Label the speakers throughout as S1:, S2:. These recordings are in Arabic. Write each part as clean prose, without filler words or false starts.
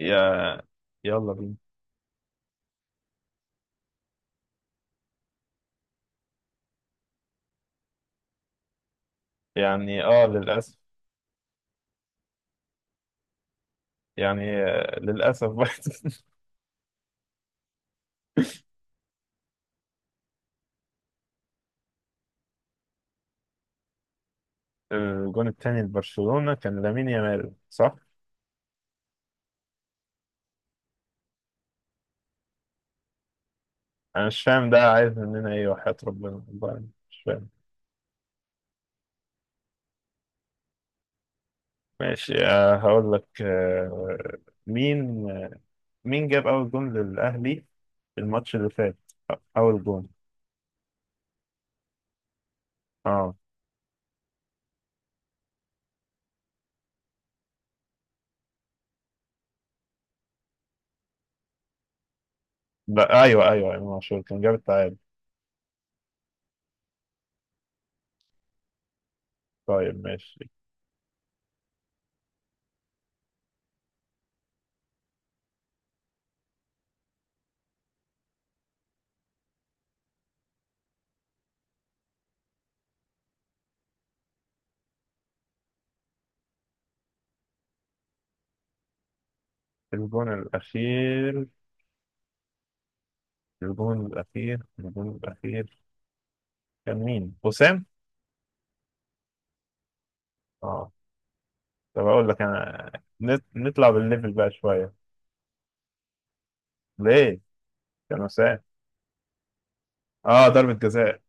S1: يا يلا بينا. يعني للأسف. يعني للأسف بقى. الجون التاني لبرشلونة كان لامين يامال، صح؟ أنا مش فاهم ده عايز مننا إيه، وحياة ربنا والله أنا مش فاهم. ماشي، هقول لك. مين آه، مين جاب أول جون للأهلي، الماتش اللي فات؟ أول جون. اه لا، أيوه أيوه، إمام عاشور كان جاب التعادل. طيب ماشي. الجون الأخير الجون الأخير كان مين؟ حسام؟ اه، طب اقول لك انا. نطلع بالليفل بقى شويه. ليه؟ كان مساء. اه ضربه جزاء.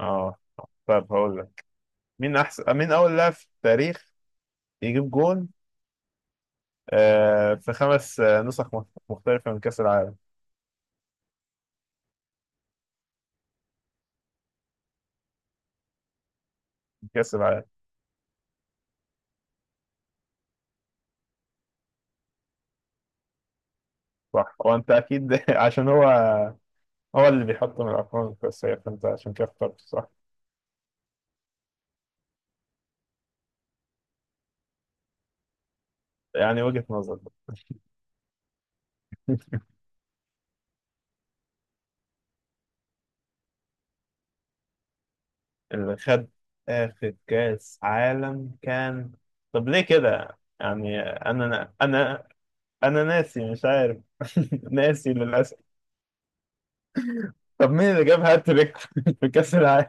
S1: اه طب هقول لك. مين اول لاعب في التاريخ يجيب جون في خمس نسخ مختلفه من كاس العالم، من كاس العالم صح، وانت اكيد عشان هو اللي بيحط من الارقام، بس هي فانت عشان كده اخترت، صح. يعني وجهه نظر. اللي خد اخر كاس عالم كان. طب ليه كده يعني؟ انا ناسي، مش عارف. ناسي للاسف. طب مين اللي جاب هاتريك في كاس العالم،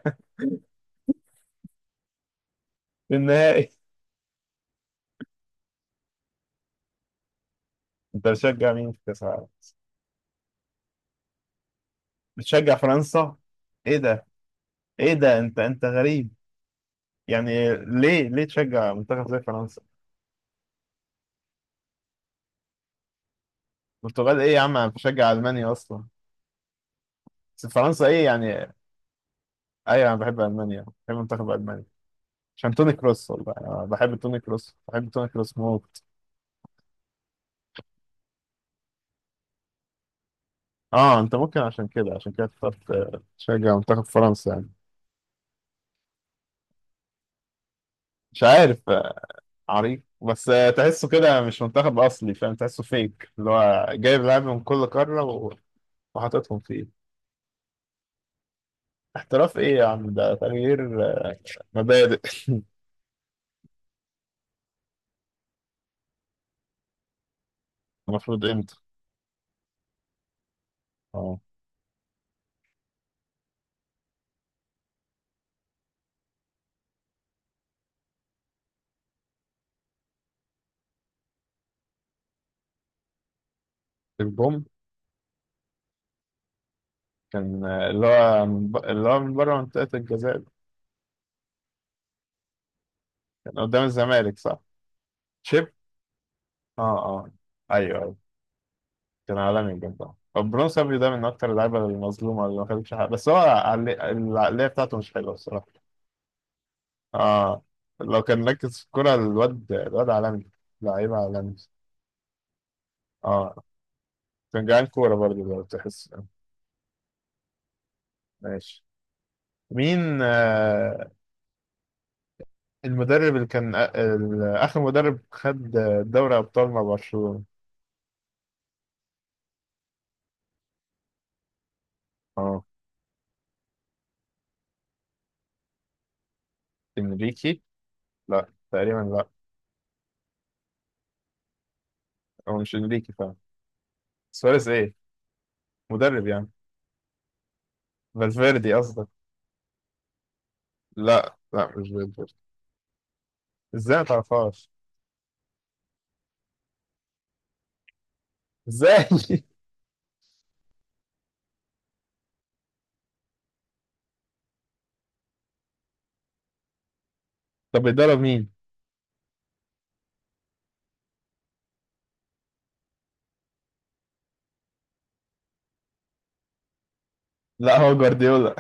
S1: في النهائي؟ انت بتشجع مين في كاس العالم؟ بتشجع فرنسا؟ ايه ده؟ انت غريب. يعني ليه؟ تشجع منتخب زي فرنسا؟ البرتغال ايه يا عم، انا بشجع المانيا اصلا. بس فرنسا ايه يعني؟ ايوه انا بحب المانيا، بحب منتخب المانيا عشان توني كروس، والله انا بحب توني كروس، بحب توني كروس موت. اه انت ممكن عشان كده، اخترت تشجع منتخب فرنسا يعني. مش عارف. عريق بس، تحسه كده مش منتخب اصلي، فاهم؟ تحسه فيك، اللي هو جايب لعيبه من كل قاره وحاططهم فيه. احتراف ايه يا عم، ده تغيير مبادئ. المفروض امتى؟ اه، البوم كان اللي هو من اللي هو من بره منطقه الجزاء ده. كان قدام الزمالك، صح. شيب. اه اه، ايوه ايوه. كان عالمي بجد. برونو صبري ده من اكتر اللعيبه المظلومه اللي ما خدتش حاجه، بس هو العقليه بتاعته مش حلوه الصراحه. اه، لو كان مركز في الكورة، الواد عالمي. لعيب عالمي. اه كان جعان كورة برضه لو تحس. ماشي. مين المدرب اللي كان آخر مدرب خد دوري أبطال مع برشلونة؟ اه، إنريكي. لا تقريبا، لا. هو مش إنريكي فعلا. سواريز إيه؟ مدرب يعني. فالفيردي قصدك؟ لا لا، مش فالفيردي. إزاي ما تعرفهاش؟ إزاي؟ طب بيدرب مين؟ لا، هو جوارديولا.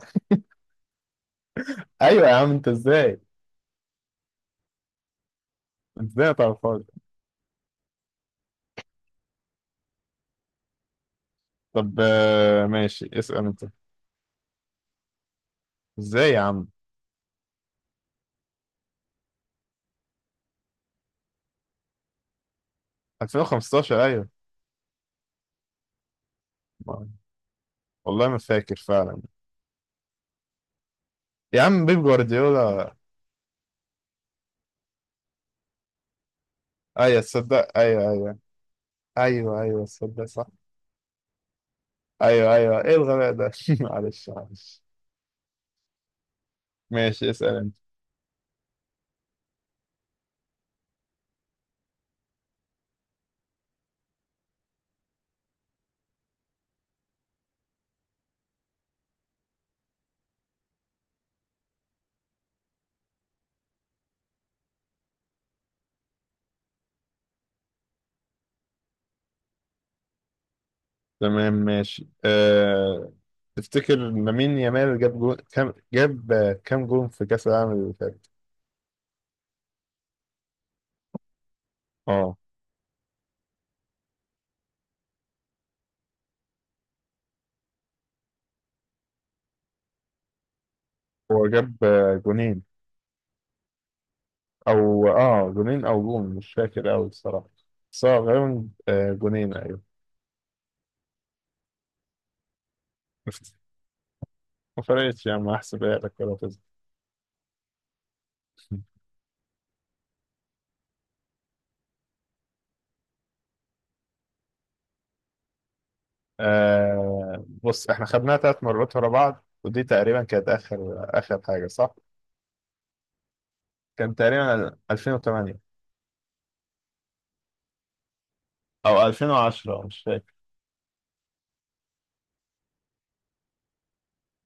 S1: أيوة يا عم، أنت إزاي؟ إزاي ما تعرفهاش؟ طب ماشي، اسأل انت. ازاي يا عم؟ 2015، ايوه. ما- والله ما فاكر فعلا. يا عم، بيب جوارديولا. ايوه تصدق، ايوه ايوه. ايوه ايوه تصدق، صح. ايوه ايوه، ايه الغباء ده. معلش معلش. ماشي، اسأل انت. تمام ماشي. تفتكر لامين يامال جاب جو... كام جاب آه، كام جون في كأس العالم اللي فات؟ اه هو جاب جونين. او جونين او جون، مش فاكر قوي الصراحه. بس هو غالبا جونين، ايوه. ما فرقتش يا عم، هحسبها لك ولا تزعل. بص، احنا خدناها ثلاث مرات ورا بعض، ودي تقريبا كانت اخر اخر حاجه، صح؟ كان تقريبا 2008، او 2010، مش فاكر.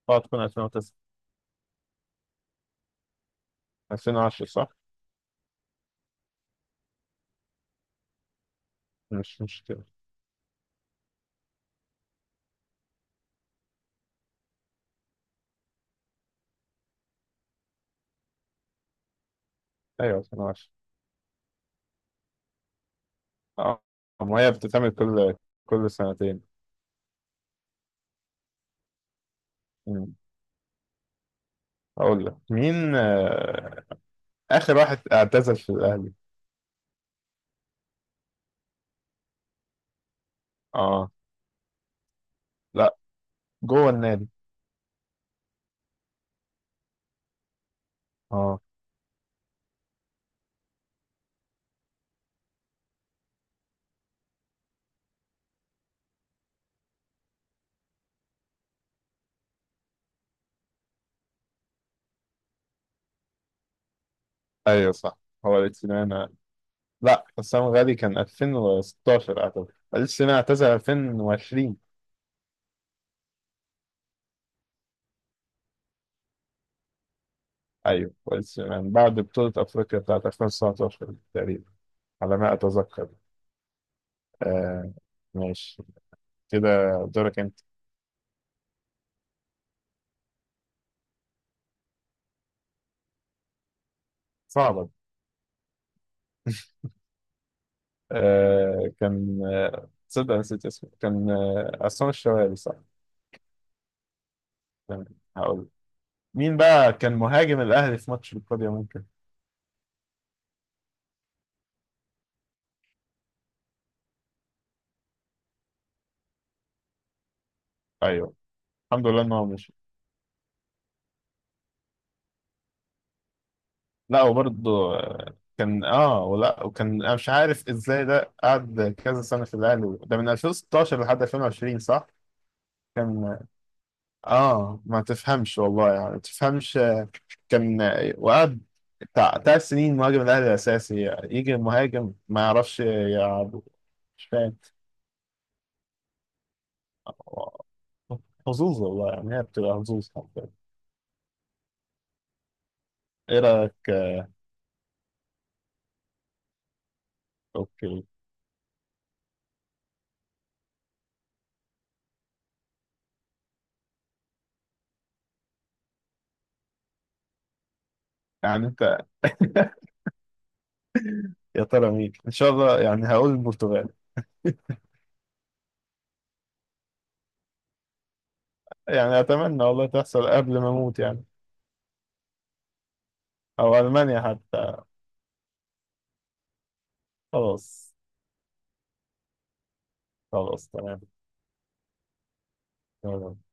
S1: اه تكون 2009. 2010، صح؟ مش مشكله. ايوه، 2010. اه ما هي بتتعمل كل سنتين. مم. اقول لك مين اخر واحد اعتزل في الاهلي؟ اه لا، جوه النادي. اه، ايوه صح. هو الاتسينانا. لا، حسام غالي كان 2016 اعتقد، الاتسينانا اعتزل 2020. ايوه، والاتسينانا بعد بطولة افريقيا بتاعت 2019 تقريبا، على ما اتذكر. آه ماشي، كده دورك انت. صعبة دي. كان تصدق نسيت اسمه، كان عصام الشوالي، صح. تمام، هقول. مين بقى كان مهاجم الاهلي في ماتش القضية ممكن؟ ايوه. الحمد لله انه مش. لا وبرضه. كان ولا وكان، انا مش عارف ازاي ده قعد كذا سنه في الاهلي، ده من 2016 لحد 2020، صح؟ كان اه ما تفهمش والله يعني، ما تفهمش. كان وقعد بتاع تلات سنين مهاجم الاهلي الاساسي، يجي مهاجم ما يعرفش يلعب. مش فاهم. حظوظ والله يعني، هي بتبقى حظوظ حرفيا. ايه رايك اوكي. يعني انت. يا ترى مين ان شاء الله؟ يعني هقول البرتغال. يعني أتمنى والله تحصل قبل ما أموت يعني. أو ألمانيا حتى. خلاص خلاص. تمام.